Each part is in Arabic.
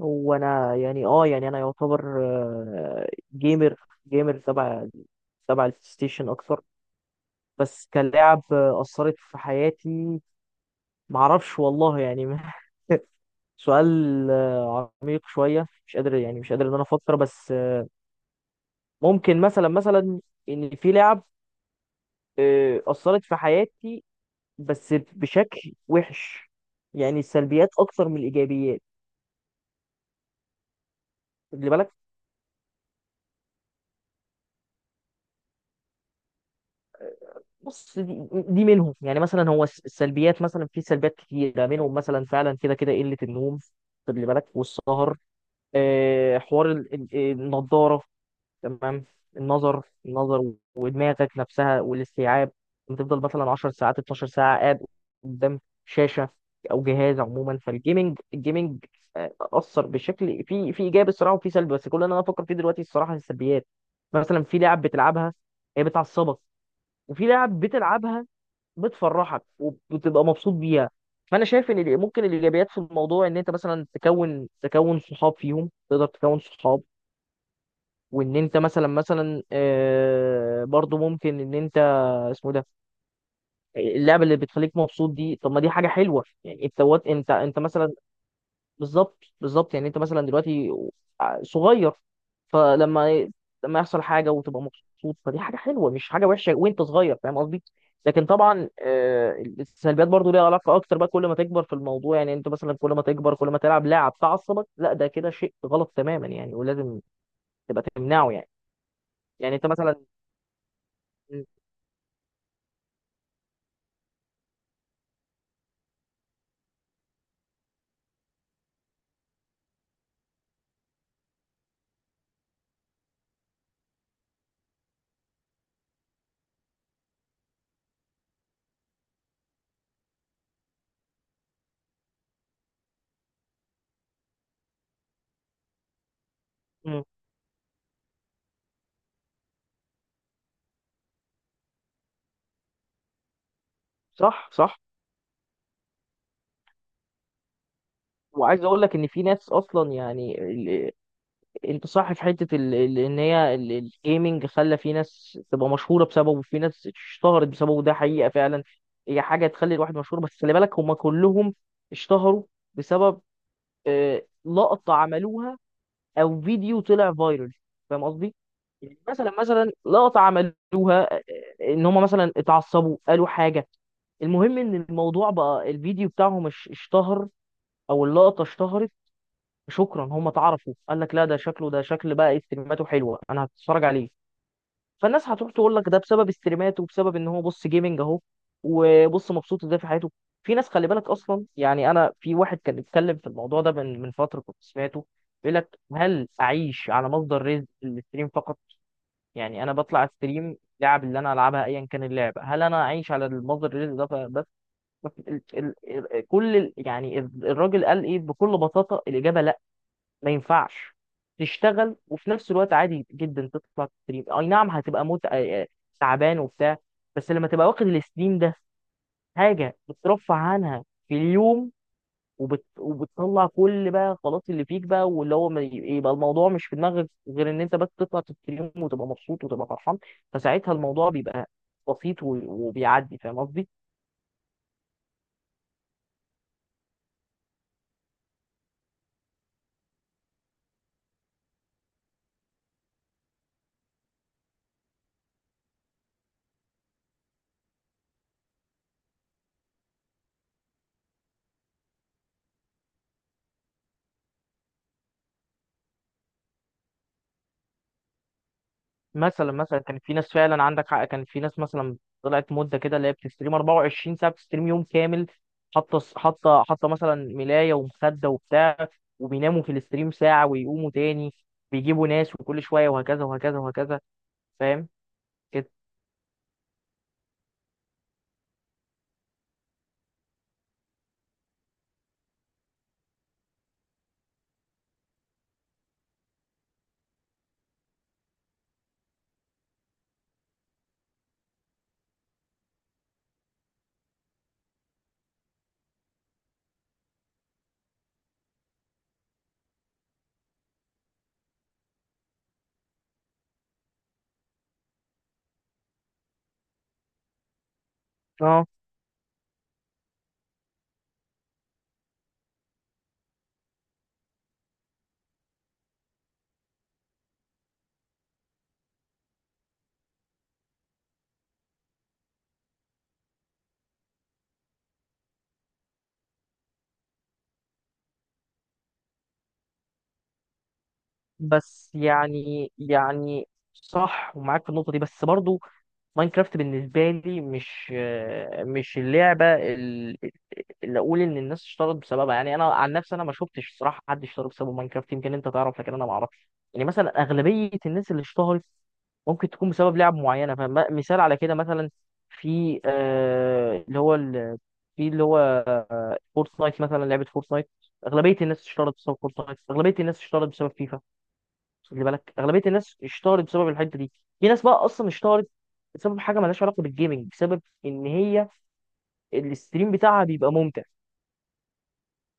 هو انا يعني يعني انا يعتبر جيمر جيمر تبع البلاي ستيشن اكتر. بس كلاعب اثرت في حياتي. معرفش والله يعني. سؤال عميق شويه، مش قادر يعني مش قادر ان انا افكر، بس ممكن مثلا مثلا ان في لعب اثرت في حياتي بس بشكل وحش. يعني السلبيات اكتر من الايجابيات. خلي بالك، بص دي منهم، يعني مثلا هو السلبيات، مثلا في سلبيات كتيرة منهم مثلا فعلا كده كده قلة النوم. خد لي بالك، والسهر. حوار النضارة. تمام. النظر ودماغك نفسها والاستيعاب. بتفضل مثلا 10 ساعات، 12 ساعة قاعد قدام شاشة أو جهاز عموما. فالجيمنج أثر بشكل في إيجابي الصراحة وفي سلبي، بس كل اللي أنا بفكر فيه دلوقتي الصراحة السلبيات. مثلا في لعب بتلعبها هي بتعصبك، وفي لعب بتلعبها بتفرحك وبتبقى مبسوط بيها. فانا شايف ان ممكن الايجابيات في الموضوع ان انت مثلا تكون صحاب فيهم، تقدر تكون صحاب، وان انت مثلا مثلا برضو ممكن ان انت، اسمه إيه ده، اللعبه اللي بتخليك مبسوط دي، طب ما دي حاجه حلوه يعني. انت وات- انت انت مثلا، بالظبط، بالظبط، يعني انت مثلا دلوقتي صغير، فلما يحصل حاجه وتبقى مبسوط فدي حاجه حلوه مش حاجه وحشه وانت صغير، فاهم قصدي؟ لكن طبعا السلبيات برضو ليها علاقه اكتر بقى، كل ما تكبر في الموضوع يعني، انت مثلا كل ما تكبر كل ما تلعب لعب تعصبك، لا ده كده شيء غلط تماما يعني، ولازم تبقى تمنعه يعني. يعني انت مثلا م- م- صح، صح، وعايز اقول لك ان في ناس اصلا يعني، انت صح في حته ان هي الجيمنج خلى في ناس تبقى مشهوره بسببه، وفي ناس اشتهرت بسببه، ده حقيقه فعلا. هي حاجه تخلي الواحد مشهور، بس خلي بالك هم كلهم اشتهروا بسبب لقطه عملوها او فيديو طلع فايرال. فاهم قصدي؟ يعني مثلا مثلا لقطه عملوها ان هم مثلا اتعصبوا قالوا حاجه، المهم ان الموضوع بقى الفيديو بتاعهم اشتهر او اللقطه اشتهرت. شكرا، هم اتعرفوا. قال لك لا ده شكله، ده شكل بقى ايه، استريماته حلوه انا هتفرج عليه. فالناس هتروح تقول لك ده بسبب استريماته، وبسبب ان هو بص جيمنج اهو وبص مبسوط ازاي في حياته. في ناس خلي بالك اصلا يعني، انا في واحد كان بيتكلم في الموضوع ده من فتره كنت سمعته، بيقول لك هل اعيش على مصدر رزق الاستريم فقط؟ يعني انا بطلع استريم لعب اللي انا العبها ايا كان اللعبه، هل انا اعيش على المصدر الرزق ده؟ بس بس يعني الراجل قال ايه بكل بساطه، الاجابه لا. ما ينفعش تشتغل وفي نفس الوقت عادي جدا تطلع تستريم. اي نعم هتبقى موت تعبان وبتاع، بس لما تبقى واخد الستريم ده حاجه بترفع عنها في اليوم، وبتطلع كل بقى، خلاص اللي فيك بقى، واللي هو ما ي- يبقى الموضوع مش في دماغك غير ان انت بس تطلع تستريم وتبقى مبسوط وتبقى فرحان. فساعتها الموضوع بيبقى بسيط و... وبيعدي، فاهم قصدي؟ مثلا مثلا كان في ناس فعلا عندك حق، كان في ناس مثلا طلعت مده كده اللي هي بتستريم 24 ساعه، بتستريم يوم كامل، حاطه مثلا ملايه ومخده وبتاع، وبيناموا في الاستريم ساعه ويقوموا تاني، بيجيبوا ناس وكل شويه، وهكذا وهكذا وهكذا. فاهم كده؟ اه، بس يعني صح ومعاك في النقطه دي، بس برضو ماينكرافت بالنسبه لي مش اللعبه اللي اقول ان الناس اشترت بسببها. يعني انا عن نفسي انا ما شفتش الصراحه حد اشترى بسبب ماينكرافت، يمكن انت تعرف لكن انا ما اعرفش، يعني مثلا اغلبيه الناس اللي اشتهرت ممكن تكون بسبب لعب معينه. فمثال على كده مثلا، في اللي هو في اللي هو فورتنايت، مثلا لعبه فورتنايت، اغلبيه الناس اشتهرت بسبب فورتنايت، اغلبيه الناس اشتهرت بسبب فيفا. خلي بالك اغلبيه الناس اشتهرت بسبب الحته دي، في ناس بقى اصلا اشتهرت بسبب حاجه مالهاش علاقه بالجيمنج، بسبب ان هي الاستريم بتاعها بيبقى ممتع.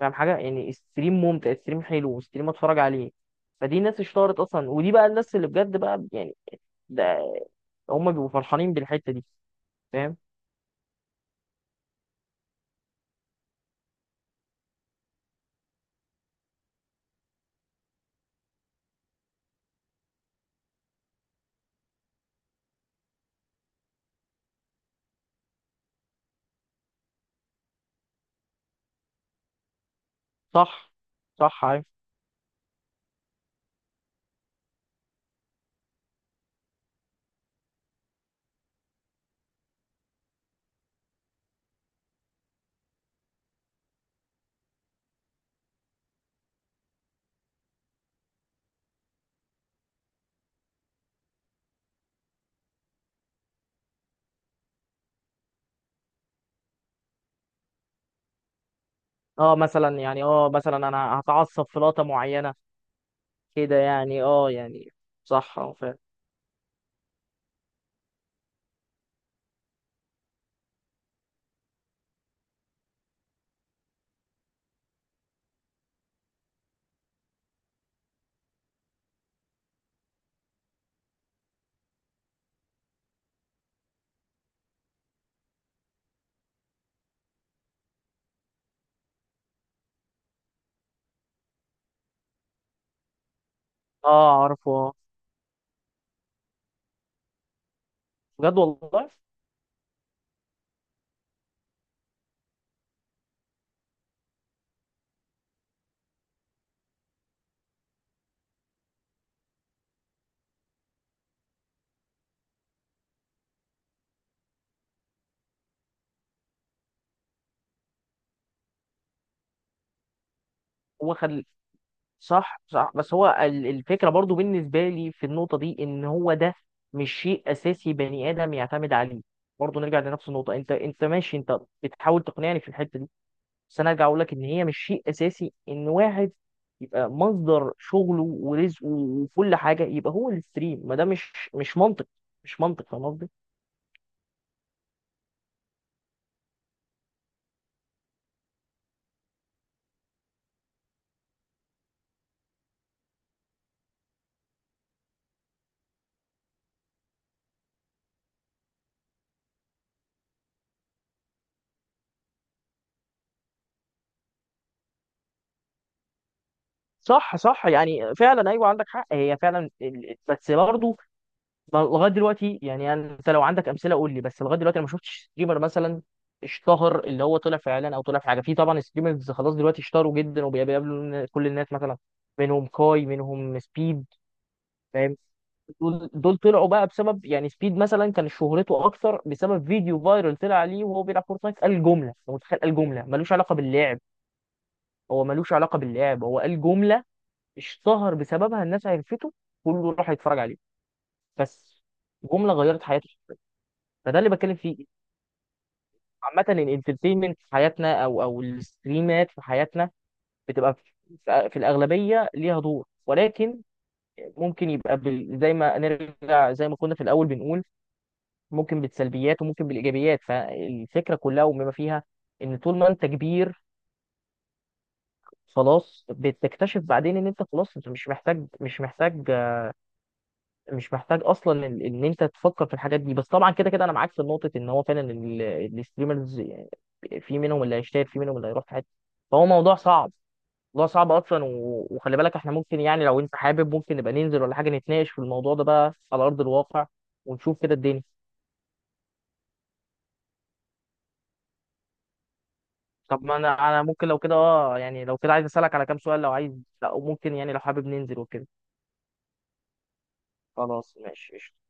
فاهم حاجه يعني، الستريم ممتع، الستريم حلو، والستريم اتفرج عليه. فدي الناس اشتهرت اصلا، ودي بقى الناس اللي بجد بقى يعني، ده هم بيبقوا فرحانين بالحته دي، فاهم؟ صح، صح، عارف. اه، مثلا يعني اه مثلا انا هتعصب في لقطه معينه كده يعني، اه يعني صح، اه فاهم، اه عارفه، اه بجد والله. هو صح، صح، بس هو الفكرة برضو بالنسبة لي في النقطة دي ان هو ده مش شيء اساسي بني ادم يعتمد عليه. برضو نرجع لنفس النقطة، انت ماشي، انت بتحاول تقنعني في الحتة دي، بس انا ارجع اقول لك ان هي مش شيء اساسي ان واحد يبقى مصدر شغله ورزقه وكل حاجة يبقى هو الستريم. ما ده مش منطق، مش منطق، فاهم قصدي؟ صح، صح، يعني فعلا ايوه عندك حق، هي فعلا بس برضه لغايه دلوقتي يعني، انت لو عندك امثله قول لي. بس لغايه دلوقتي انا ما شفتش ستريمر مثلا اشتهر اللي هو طلع في اعلان او طلع في حاجه، في طبعا ستريمرز خلاص دلوقتي اشتهروا جدا وبيقابلوا كل الناس مثلا، منهم كاي منهم سبيد، فاهم. دول طلعوا بقى بسبب يعني، سبيد مثلا كان شهرته اكثر بسبب فيديو فايرال طلع عليه وهو بيلعب فورتنايت، قال جمله، أنت متخيل؟ قال جمله ملوش علاقه باللعب، هو ملوش علاقه باللعب، هو قال جمله اشتهر بسببها، الناس عرفته، كله راح يتفرج عليه، بس جمله غيرت حياته. فده اللي بتكلم فيه، عامة الانترتينمنت في حياتنا او الستريمات في حياتنا بتبقى في الأغلبية ليها دور، ولكن ممكن يبقى زي ما نرجع زي ما كنا في الأول بنقول، ممكن بالسلبيات وممكن بالإيجابيات، فالفكرة كلها وبما فيها إن طول ما أنت كبير خلاص بتكتشف بعدين إن أنت خلاص أنت مش محتاج، مش محتاج، مش محتاج اصلا ان انت تفكر في الحاجات دي. بس طبعا كده كده انا معاك في نقطه ان هو فعلا الستريمرز في منهم اللي هيشتغل في منهم اللي هيروح في حته، فهو موضوع صعب، موضوع صعب اصلا. و- وخلي بالك احنا ممكن يعني، لو انت حابب ممكن نبقى ننزل ولا حاجه نتناقش في الموضوع ده بقى على ارض الواقع، ونشوف كده الدنيا. طب ما انا ممكن لو كده يعني لو كده عايز اسالك على كام سؤال لو عايز، لا ممكن يعني لو حابب ننزل وكده. خلاص ماشي قشطة.